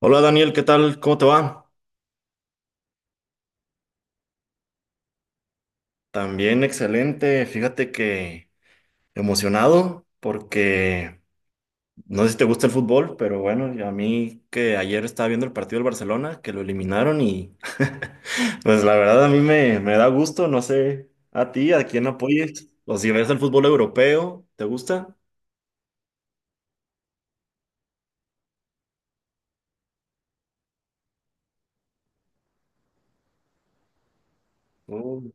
Hola Daniel, ¿qué tal? ¿Cómo te va? También excelente. Fíjate que emocionado porque no sé si te gusta el fútbol, pero bueno, y a mí que ayer estaba viendo el partido del Barcelona, que lo eliminaron y pues la verdad a mí me da gusto, no sé a ti, a quién apoyes o si ves el fútbol europeo, ¿te gusta? Oh,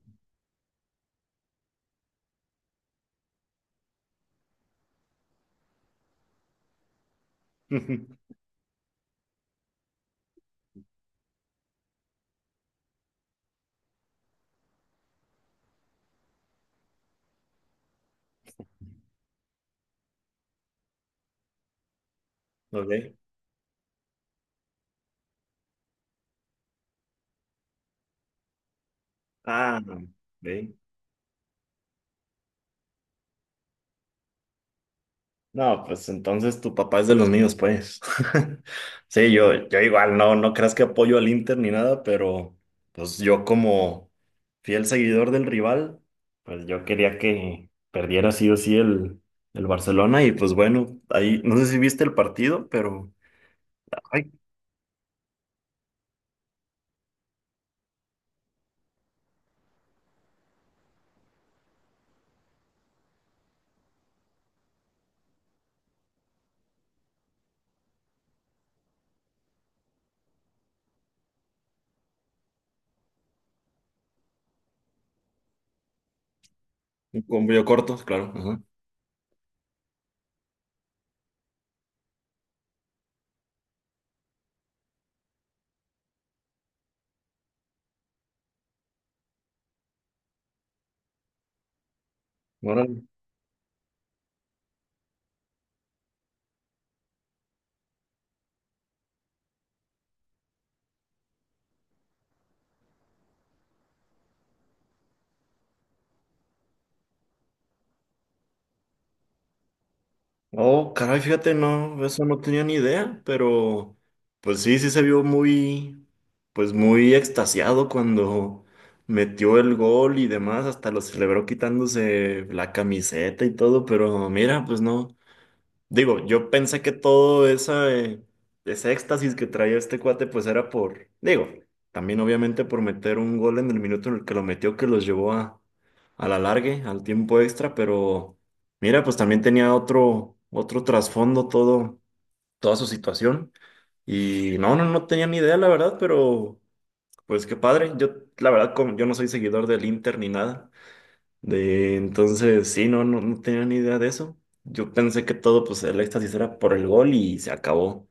ok. Ah, ok. No, pues entonces tu papá es de los míos, pues. Sí, yo igual, no, no creas que apoyo al Inter ni nada, pero pues yo como fiel seguidor del rival, pues yo quería que perdiera sí o sí el Barcelona y pues bueno, ahí, no sé si viste el partido, pero... Ay, un cambio corto, claro. Ajá. Órale. Oh, caray, fíjate, no, eso no tenía ni idea, pero pues sí, sí se vio muy, pues muy extasiado cuando metió el gol y demás, hasta lo celebró quitándose la camiseta y todo, pero mira, pues no. Digo, yo pensé que todo esa, ese éxtasis que traía este cuate, pues era por, digo, también obviamente por meter un gol en el minuto en el que lo metió, que los llevó a, la largue, al tiempo extra, pero mira, pues también tenía otro, trasfondo todo, toda su situación. Y no, no, no tenía ni idea, la verdad, pero pues qué padre. Yo, la verdad, como yo no soy seguidor del Inter ni nada. De, entonces, sí, no, no, no tenía ni idea de eso. Yo pensé que todo, pues, el éxtasis era por el gol y se acabó.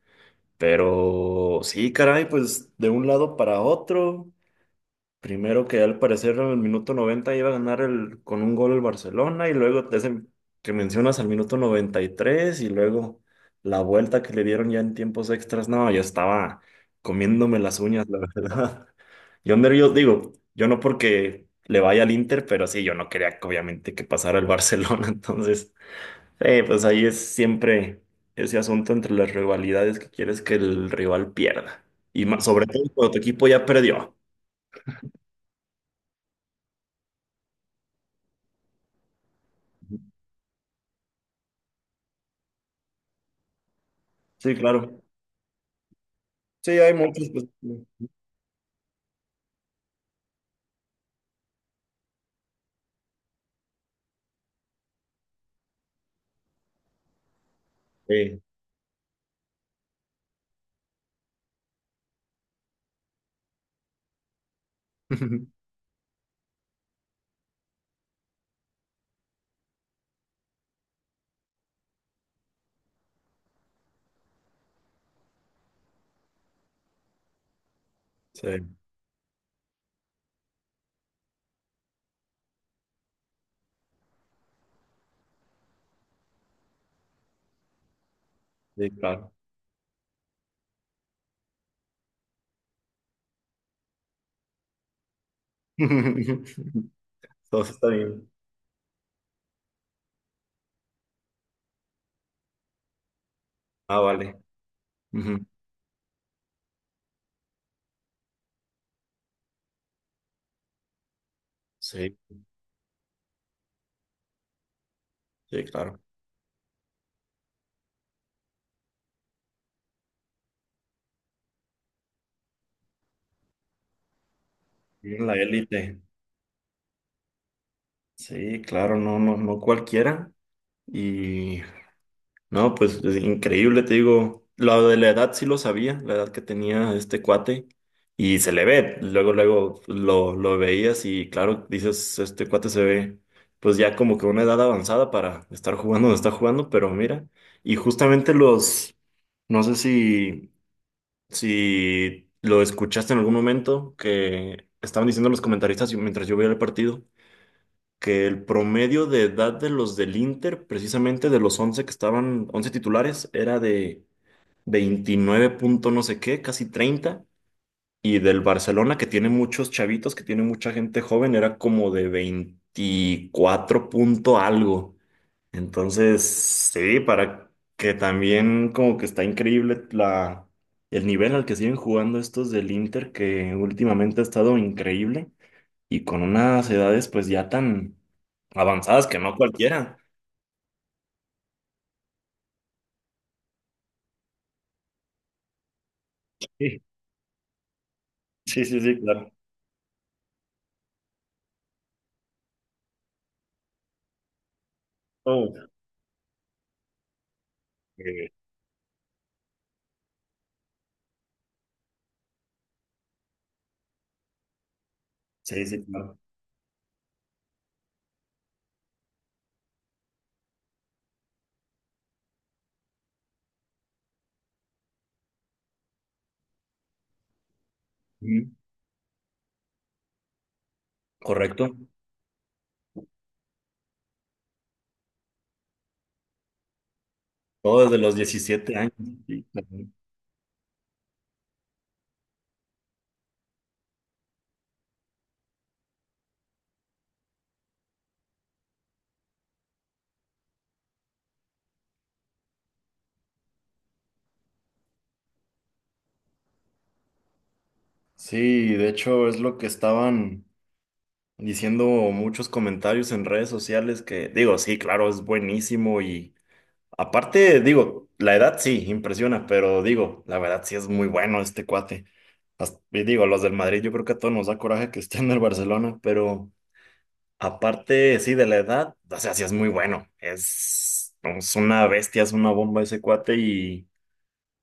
Pero sí, caray, pues, de un lado para otro Primero que al parecer en el minuto 90 iba a ganar el, con un gol el Barcelona y luego ese que mencionas al minuto 93 y tres y luego la vuelta que le dieron ya en tiempos extras. No, yo estaba comiéndome las uñas, la verdad. Yo nervioso, digo, yo no porque le vaya al Inter, pero sí, yo no quería que obviamente que pasara el Barcelona. Entonces, pues ahí es siempre ese asunto entre las rivalidades que quieres que el rival pierda. Y más, sobre todo cuando tu equipo ya perdió. Sí, claro. Sí, hay muchos. Pues, sí, sí, sí, claro. Entonces está bien. Ah, vale. Ujú. Sí, sí, claro. Bien, La élite. Sí, claro, no, no, no cualquiera. Y No, pues es increíble, te digo. Lo de la edad sí lo sabía, la edad que tenía este cuate. Y se le ve, luego, luego lo veías y claro, dices, este cuate se ve pues ya como que una edad avanzada para estar jugando donde está jugando, pero mira, y justamente los, no sé si, si lo escuchaste en algún momento, que estaban diciendo los comentaristas mientras yo veía el partido que el promedio de edad de los del Inter, precisamente de los 11 que estaban, 11 titulares, era de 29 punto no sé qué, casi 30, Y del Barcelona, que tiene muchos chavitos, que tiene mucha gente joven, era como de 24 punto algo. Entonces, sí, para que también como que está increíble la, el nivel al que siguen jugando estos del Inter, que últimamente ha estado increíble y con unas edades pues ya tan Avanzadas que no cualquiera. Sí. Sí, sí, sí, claro. Oh, Eh, sí, sí, claro. Ujú. Correcto. Todo desde los 17 años. Sí, claro. Sí, de hecho es lo que estaban diciendo muchos comentarios en redes sociales que digo, sí, claro, es buenísimo y aparte, digo, la edad sí, impresiona, pero digo, la verdad sí es muy bueno este cuate. Hasta- y digo, los del Madrid yo creo que a todos nos da coraje que esté en el Barcelona, pero... Aparte, sí, de la edad, o sea, sí es muy bueno. Es una bestia, es una bomba ese cuate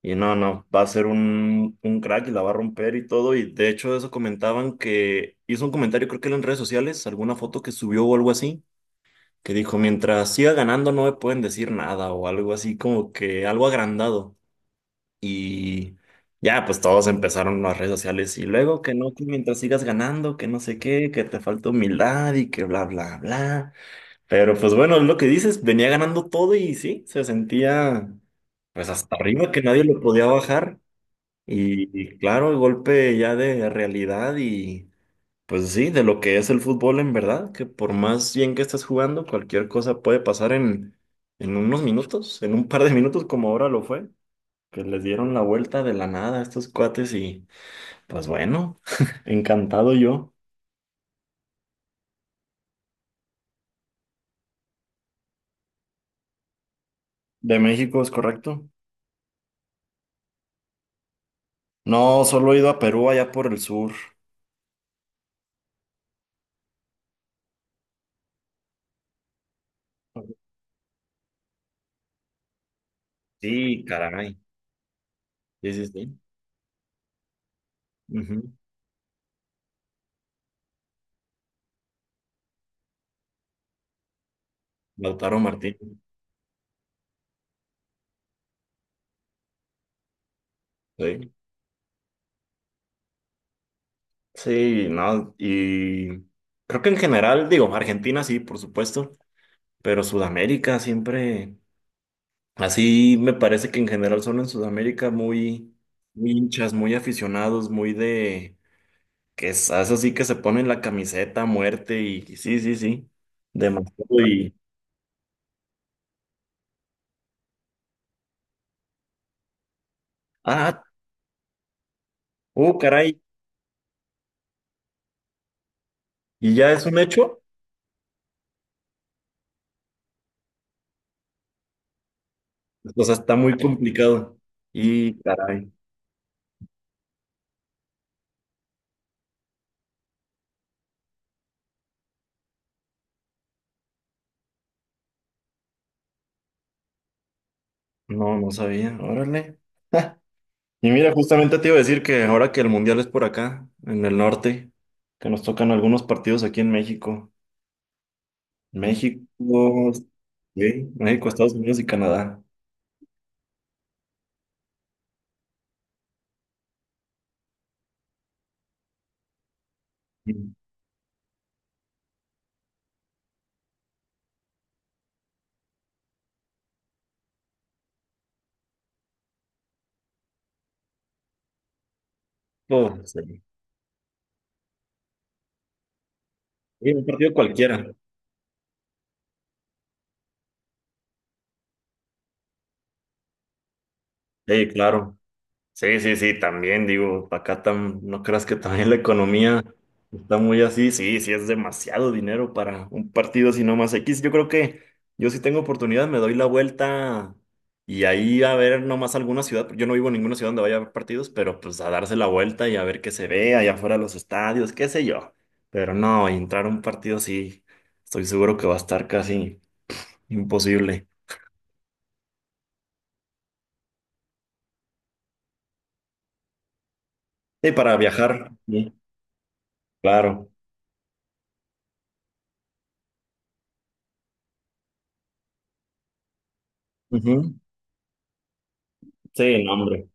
y no, no, va a ser un crack y la va a romper y todo. Y de hecho, eso comentaban que hizo un comentario, creo que era en redes sociales, alguna foto que subió o algo así, que dijo, mientras siga ganando no me pueden decir nada o algo así, como que algo agrandado. Y ya, pues todos empezaron las redes sociales y luego que no, que mientras sigas ganando, que no sé qué, que te falta humildad y que bla, bla, bla. Pero pues bueno, es lo que dices, venía ganando todo y sí, se sentía pues hasta arriba que nadie lo podía bajar. Y claro, el golpe ya de realidad y pues sí, de lo que es el fútbol en verdad, que por más bien que estés jugando, cualquier cosa puede pasar en unos minutos, en un par de minutos como ahora lo fue, que les dieron la vuelta de la nada a estos cuates y pues bueno, encantado yo. De México es correcto. No, solo he ido a Perú allá por el sur. Sí, caray. Sí, sí, sí. Ujú. Lautaro Martínez. Sí. Sí, no. Y creo que en general, digo, Argentina sí, por supuesto, pero Sudamérica siempre, así me parece que en general son en Sudamérica muy, muy hinchas, muy aficionados, muy de, que es así que se ponen la camiseta a muerte y sí, sí, sí, demasiado. Y, ah, oh, caray. Y ya es un hecho, o sea, está muy complicado. Y caray. No, no sabía. Órale. Ja. Y mira, justamente te iba a decir que ahora que el mundial es por acá, en el norte, que nos tocan algunos partidos aquí en México. México, sí, México, Estados Unidos y Canadá. Y, oh, sí. Sí, un partido cualquiera. Sí, claro. Sí, sí, sí, también digo, acá tam- no creas que también la economía está muy así, sí, sí, es demasiado dinero para un partido así nomás X. Yo creo que yo si tengo oportunidad me doy la vuelta y ahí a ver nomás alguna ciudad, yo no vivo en ninguna ciudad donde vaya a haber partidos, pero pues a darse la vuelta y a ver qué se ve allá afuera de los estadios, qué sé yo. Pero no, entrar a un partido sí, estoy seguro que va a estar casi imposible. Sí, para viajar, sí, claro. Ujú. Sí, no, hombre.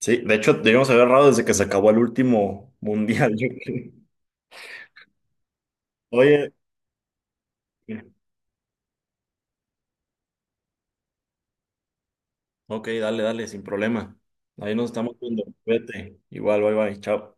Sí, de hecho, debíamos haber errado desde que se acabó el último mundial. Yo creo. Oye, ok, dale, dale, sin problema. Ahí nos estamos viendo. Cuídate. Igual, bye bye, chao.